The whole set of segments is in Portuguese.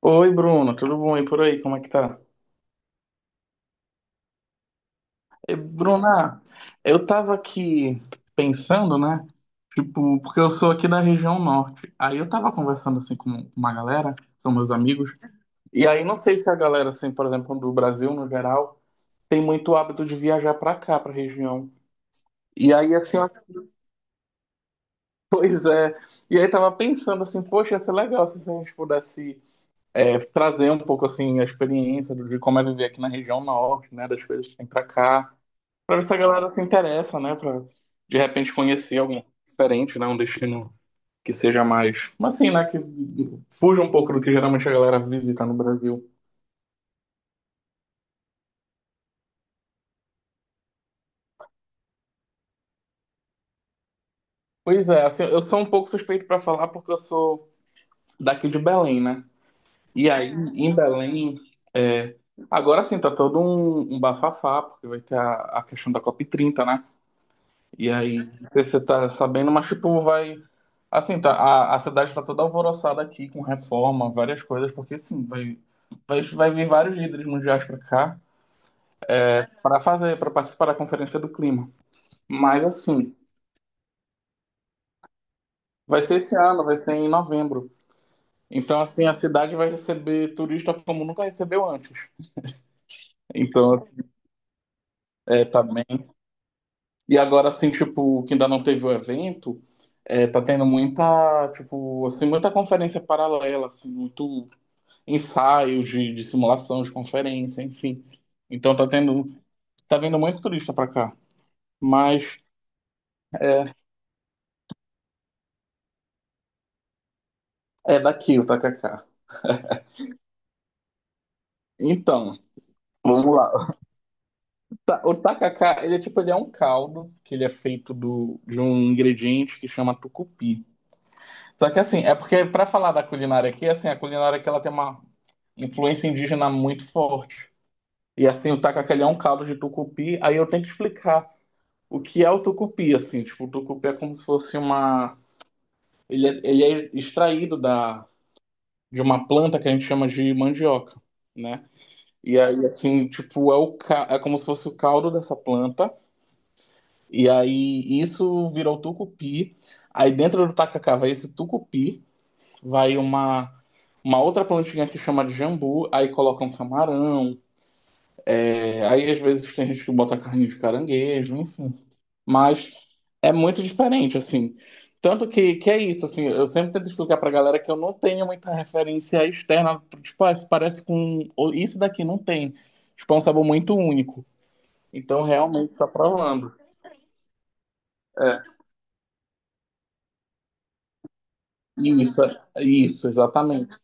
Oi, Bruno, tudo bom? E por aí, como é que tá? E, Bruna, eu tava aqui pensando, né? Tipo, porque eu sou aqui da região norte. Aí eu tava conversando assim com uma galera, são meus amigos. E aí não sei se a galera, assim, por exemplo, do Brasil no geral, tem muito hábito de viajar pra cá, pra região. E aí, assim, pois é. E aí tava pensando assim, poxa, ia ser legal se a gente pudesse trazer um pouco assim a experiência de como é viver aqui na região norte, né? Das coisas que tem pra cá. Pra ver se a galera se interessa, né? Pra de repente conhecer algo diferente, né? Um destino que seja mais. Mas assim, né? Que fuja um pouco do que geralmente a galera visita no Brasil. Pois é, assim, eu sou um pouco suspeito pra falar porque eu sou daqui de Belém, né? Em Belém, é, agora sim, tá todo um bafafá, porque vai ter a questão da COP 30, né? E aí, não sei se você tá sabendo, mas tipo, vai. Assim, tá, a cidade tá toda alvoroçada aqui, com reforma, várias coisas, porque sim, vai vir vários líderes mundiais para cá para fazer, para participar da Conferência do Clima. Mas assim, vai ser esse ano, vai ser em novembro. Então, assim, a cidade vai receber turista como nunca recebeu antes. Então, é, tá bem. E agora, assim, tipo, que ainda não teve o evento, é, tá tendo muita, tipo, assim, muita conferência paralela, assim, muito ensaios de simulação, de conferência, enfim. Então tá tendo, tá vindo muito turista para cá, mas é daqui o tacacá. Então, vamos lá. O tacacá, ele é tipo, ele é um caldo que ele é feito do, de um ingrediente que chama tucupi. Só que assim, é porque para falar da culinária aqui, assim, a culinária aqui ela tem uma influência indígena muito forte. E assim, o tacacá ele é um caldo de tucupi, aí eu tenho que explicar o que é o tucupi, assim, tipo, o tucupi é como se fosse uma ele é extraído da, de uma planta que a gente chama de mandioca, né? E aí, assim, tipo, é, é como se fosse o caldo dessa planta. E aí, isso vira o tucupi. Aí, dentro do tacacá, vai esse tucupi. Vai uma outra plantinha que chama de jambu. Aí, colocam camarão. É, aí, às vezes, tem gente que bota carne de caranguejo, enfim. Mas é muito diferente, assim. Tanto que é isso, assim, eu sempre tento explicar pra galera que eu não tenho muita referência externa, tipo, ah, isso parece com ou isso daqui não tem. Tipo, é um sabor muito único. Então, realmente, só provando. É, isso, isso, exatamente.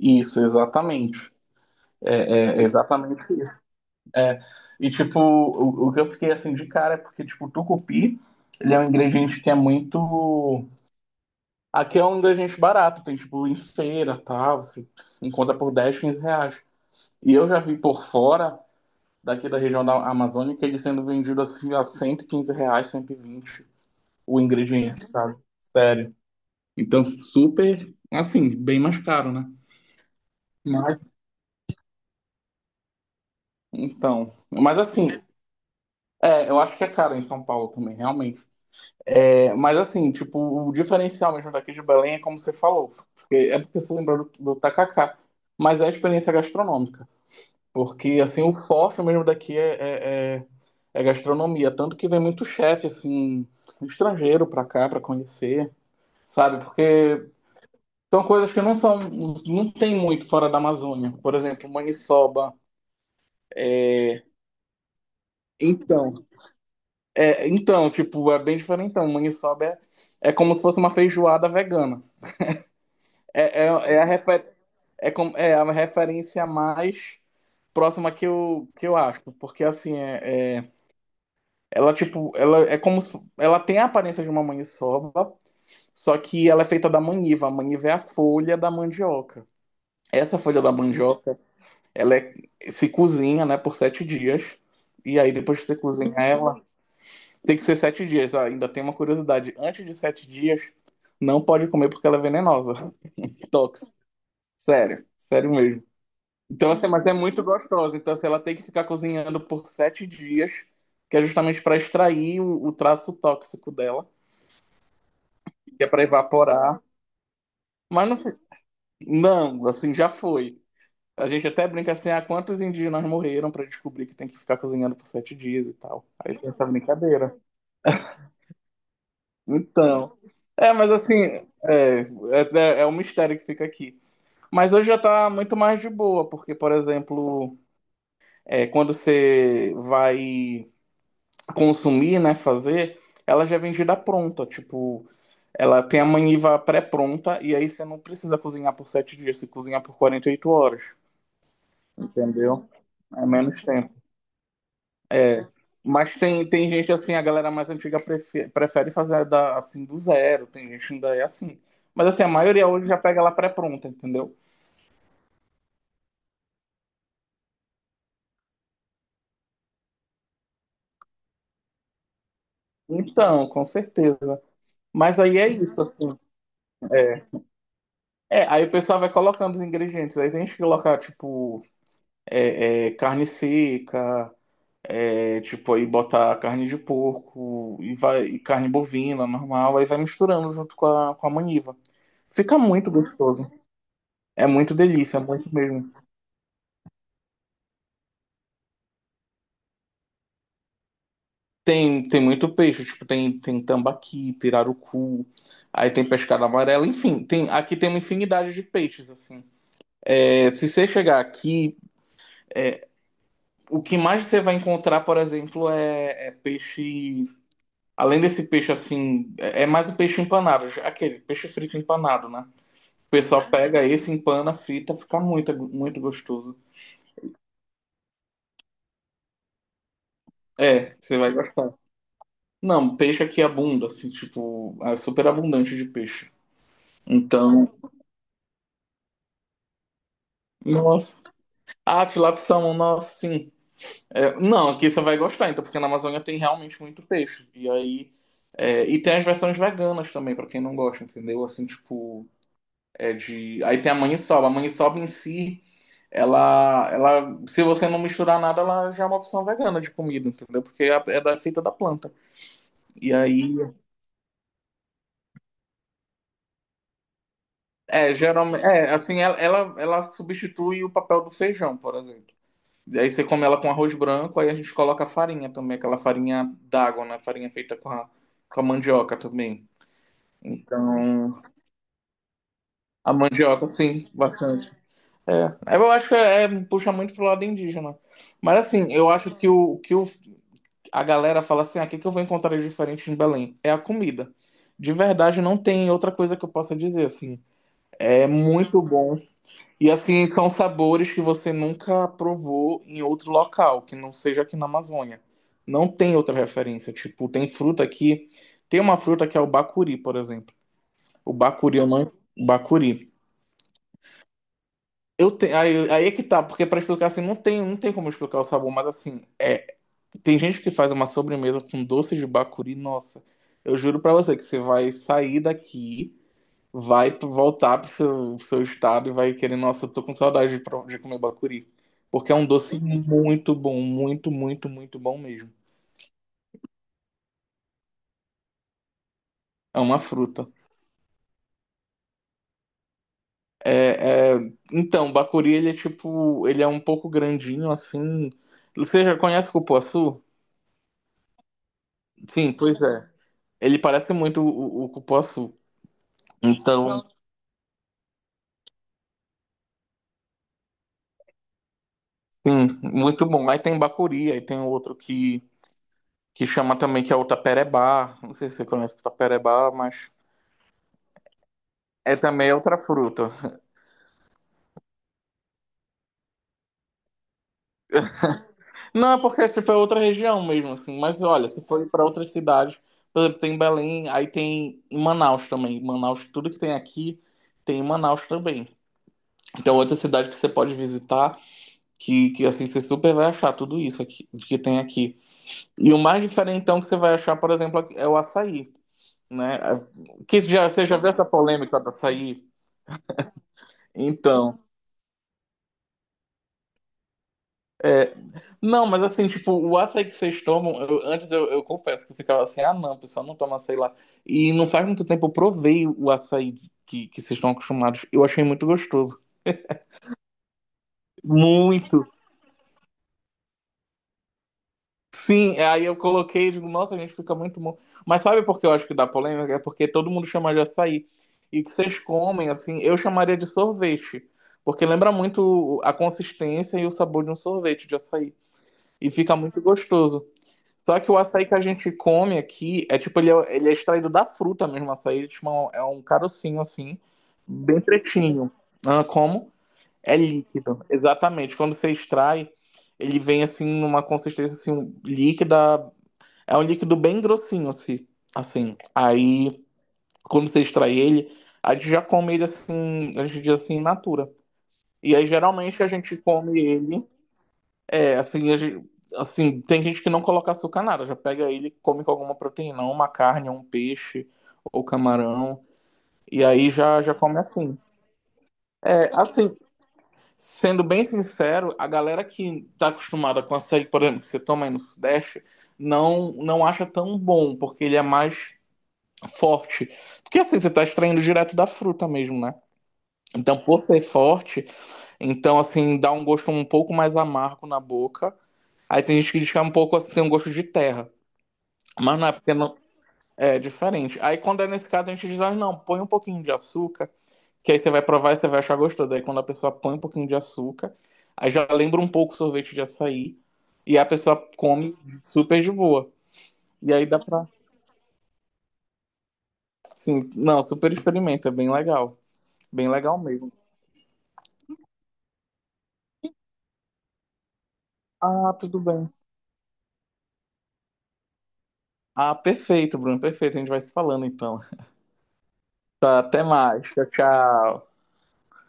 Isso, exatamente. É, é exatamente isso. É, e, tipo, o que eu fiquei, assim, de cara é porque, tipo, o tucupi, ele é um ingrediente que é muito aqui é um ingrediente barato, tem tipo em feira, tá? Você encontra por 10, 15 reais. E eu já vi por fora, daqui da região da Amazônica, ele sendo vendido assim a 115 reais, 120, o ingrediente, sabe? Sério. Então, super, assim, bem mais caro, né? Mas, então, mas assim, é, eu acho que é caro em São Paulo também, realmente. É, mas assim, tipo, o diferencial mesmo daqui de Belém é como você falou, porque é porque você lembrou do tacacá, mas é a experiência gastronômica. Porque, assim, o forte mesmo daqui é gastronomia. Tanto que vem muito chefe, assim, estrangeiro pra cá, pra conhecer, sabe? Porque são coisas que não são. Não tem muito fora da Amazônia. Por exemplo, maniçoba. É, então, tipo, é bem diferente. Então, maniçoba é, é como se fosse uma feijoada vegana. É, é, é a refer, é, com- é a referência mais próxima que eu acho. Porque, assim, é é ela, tipo, ela é como se- ela tem a aparência de uma maniçoba, só que ela é feita da maniva. A maniva é a folha da mandioca. Essa folha da mandioca, ela é- se cozinha, né, por 7 dias. E aí, depois que você cozinhar ela, tem que ser 7 dias. Ah, ainda tem uma curiosidade. Antes de 7 dias, não pode comer porque ela é venenosa. Tóxica. Sério. Sério mesmo. Então, assim, mas é muito gostosa. Então, assim, ela tem que ficar cozinhando por 7 dias, que é justamente para extrair o traço tóxico dela. Que é para evaporar. Mas não, não, assim, já foi. A gente até brinca assim, ah, quantos indígenas morreram para descobrir que tem que ficar cozinhando por sete dias e tal. Aí tem essa brincadeira. Então, é, mas assim, é, é é um mistério que fica aqui. Mas hoje já tá muito mais de boa, porque, por exemplo, é, quando você vai consumir, né, fazer, ela já é vendida pronta, tipo, ela tem a maniva pré-pronta, e aí você não precisa cozinhar por 7 dias, você cozinha por 48 horas. Entendeu? É menos tempo. Mas tem, tem gente assim, a galera mais antiga prefere fazer da, assim do zero, tem gente ainda é assim. Mas assim, a maioria hoje já pega ela pré-pronta, entendeu? Então, com certeza. Mas aí é isso, assim. É, aí o pessoal vai colocando os ingredientes. Aí tem gente que coloca, tipo, carne seca, é, tipo, aí bota carne de porco e vai e carne bovina, normal, aí vai misturando junto com com a maniva. Fica muito gostoso. É muito delícia, muito mesmo. Tem, tem muito peixe, tipo, tem, tem tambaqui, pirarucu, aí tem pescada amarela, enfim, tem, aqui tem uma infinidade de peixes, assim. É, se você chegar aqui, é, o que mais você vai encontrar, por exemplo, é peixe. Além desse peixe assim, é mais o peixe empanado, aquele peixe frito empanado, né? O pessoal pega esse, empana, frita, fica muito, muito gostoso. É, você vai gostar. Não, peixe aqui é abunda, assim, tipo, é super abundante de peixe. Então, nossa. Ah, tilápia e salmão, nossa, sim. É, não, aqui você vai gostar, então, porque na Amazônia tem realmente muito peixe. E aí. É, e tem as versões veganas também, pra quem não gosta, entendeu? Assim, tipo. É de. Aí tem a maniçoba. A maniçoba em si, ela, ela. Se você não misturar nada, ela já é uma opção vegana de comida, entendeu? Porque é, é da, feita da planta. E aí. É, geralmente. É, assim, ela substitui o papel do feijão, por exemplo. E aí você come ela com arroz branco, aí a gente coloca a farinha também, aquela farinha d'água, né? Farinha feita com a mandioca também. Então, a mandioca, sim, bastante. Eu acho que puxa muito pro lado indígena. Mas assim, eu acho que a galera fala assim, ah, o que, que eu vou encontrar de diferente em Belém? É a comida. De verdade, não tem outra coisa que eu possa dizer, assim. É muito bom. E assim, são sabores que você nunca provou em outro local, que não seja aqui na Amazônia. Não tem outra referência. Tipo, tem fruta aqui. Tem uma fruta que é o bacuri, por exemplo. O bacuri, eu não. O bacuri. Eu te aí, aí é que tá, porque pra explicar assim, não tem, não tem como explicar o sabor, mas assim, tem gente que faz uma sobremesa com doce de bacuri, nossa. Eu juro pra você que você vai sair daqui vai voltar pro seu estado e vai querer, nossa, eu tô com saudade de, de comer bacuri. Porque é um doce muito bom, muito, muito, muito bom mesmo. É uma fruta. É, é então, o bacuri, ele é tipo, ele é um pouco grandinho, assim. Você já conhece o cupuaçu? Sim, pois é. Ele parece muito o cupuaçu. Então, sim, muito bom. Aí tem bacuri, aí tem outro que chama também, que é o taperebá. Não sei se você conhece o taperebá, mas é também outra fruta. Não, é porque tipo, é outra região mesmo, assim. Mas olha, se for para outras cidades, por exemplo, tem Belém, aí tem em Manaus também. Em Manaus, tudo que tem aqui tem em Manaus também. Então, outra cidade que você pode visitar, que assim, você super vai achar tudo isso aqui, de que tem aqui. E o mais diferentão que você vai achar, por exemplo, é o açaí, né? É, que já, você já viu essa polêmica do açaí? Então. Não, mas assim, tipo, o açaí que vocês tomam, antes eu confesso que eu ficava assim, ah não, o pessoal não toma açaí lá. E não faz muito tempo eu provei o açaí que vocês estão acostumados. Eu achei muito gostoso. Muito. Sim, aí eu coloquei e digo, nossa, gente, fica muito bom. Mas sabe por que eu acho que dá polêmica? É porque todo mundo chama de açaí. E que vocês comem, assim, eu chamaria de sorvete. Porque lembra muito a consistência e o sabor de um sorvete de açaí. E fica muito gostoso. Só que o açaí que a gente come aqui é tipo, ele é extraído da fruta mesmo, o açaí, ele, tipo, é é um carocinho assim, bem pretinho. Ah, como? É líquido, exatamente. Quando você extrai, ele vem assim numa consistência assim líquida, é um líquido bem grossinho assim, assim. Aí quando você extrai ele, a gente já come ele assim, a gente diz assim, in natura. E aí geralmente a gente come ele é, assim, assim, tem gente que não coloca açúcar nada, já pega ele e come com alguma proteína, uma carne, um peixe ou camarão, e aí já come assim. É, assim, sendo bem sincero, a galera que tá acostumada com açaí, por exemplo, que você toma aí no Sudeste, não acha tão bom, porque ele é mais forte. Porque assim, você tá extraindo direto da fruta mesmo, né? Então, por ser forte, então assim, dá um gosto um pouco mais amargo na boca. Aí tem gente que diz que é um pouco assim, tem um gosto de terra. Mas não é porque não é diferente. Aí quando é nesse caso, a gente diz, ah, não, põe um pouquinho de açúcar, que aí você vai provar e você vai achar gostoso. Aí quando a pessoa põe um pouquinho de açúcar, aí já lembra um pouco o sorvete de açaí, e a pessoa come super de boa. E aí dá pra. Sim, não, super experimenta, é bem legal. Bem legal mesmo. Ah, tudo bem. Ah, perfeito, Bruno, perfeito. A gente vai se falando então. Tá, até mais. Tchau, tchau.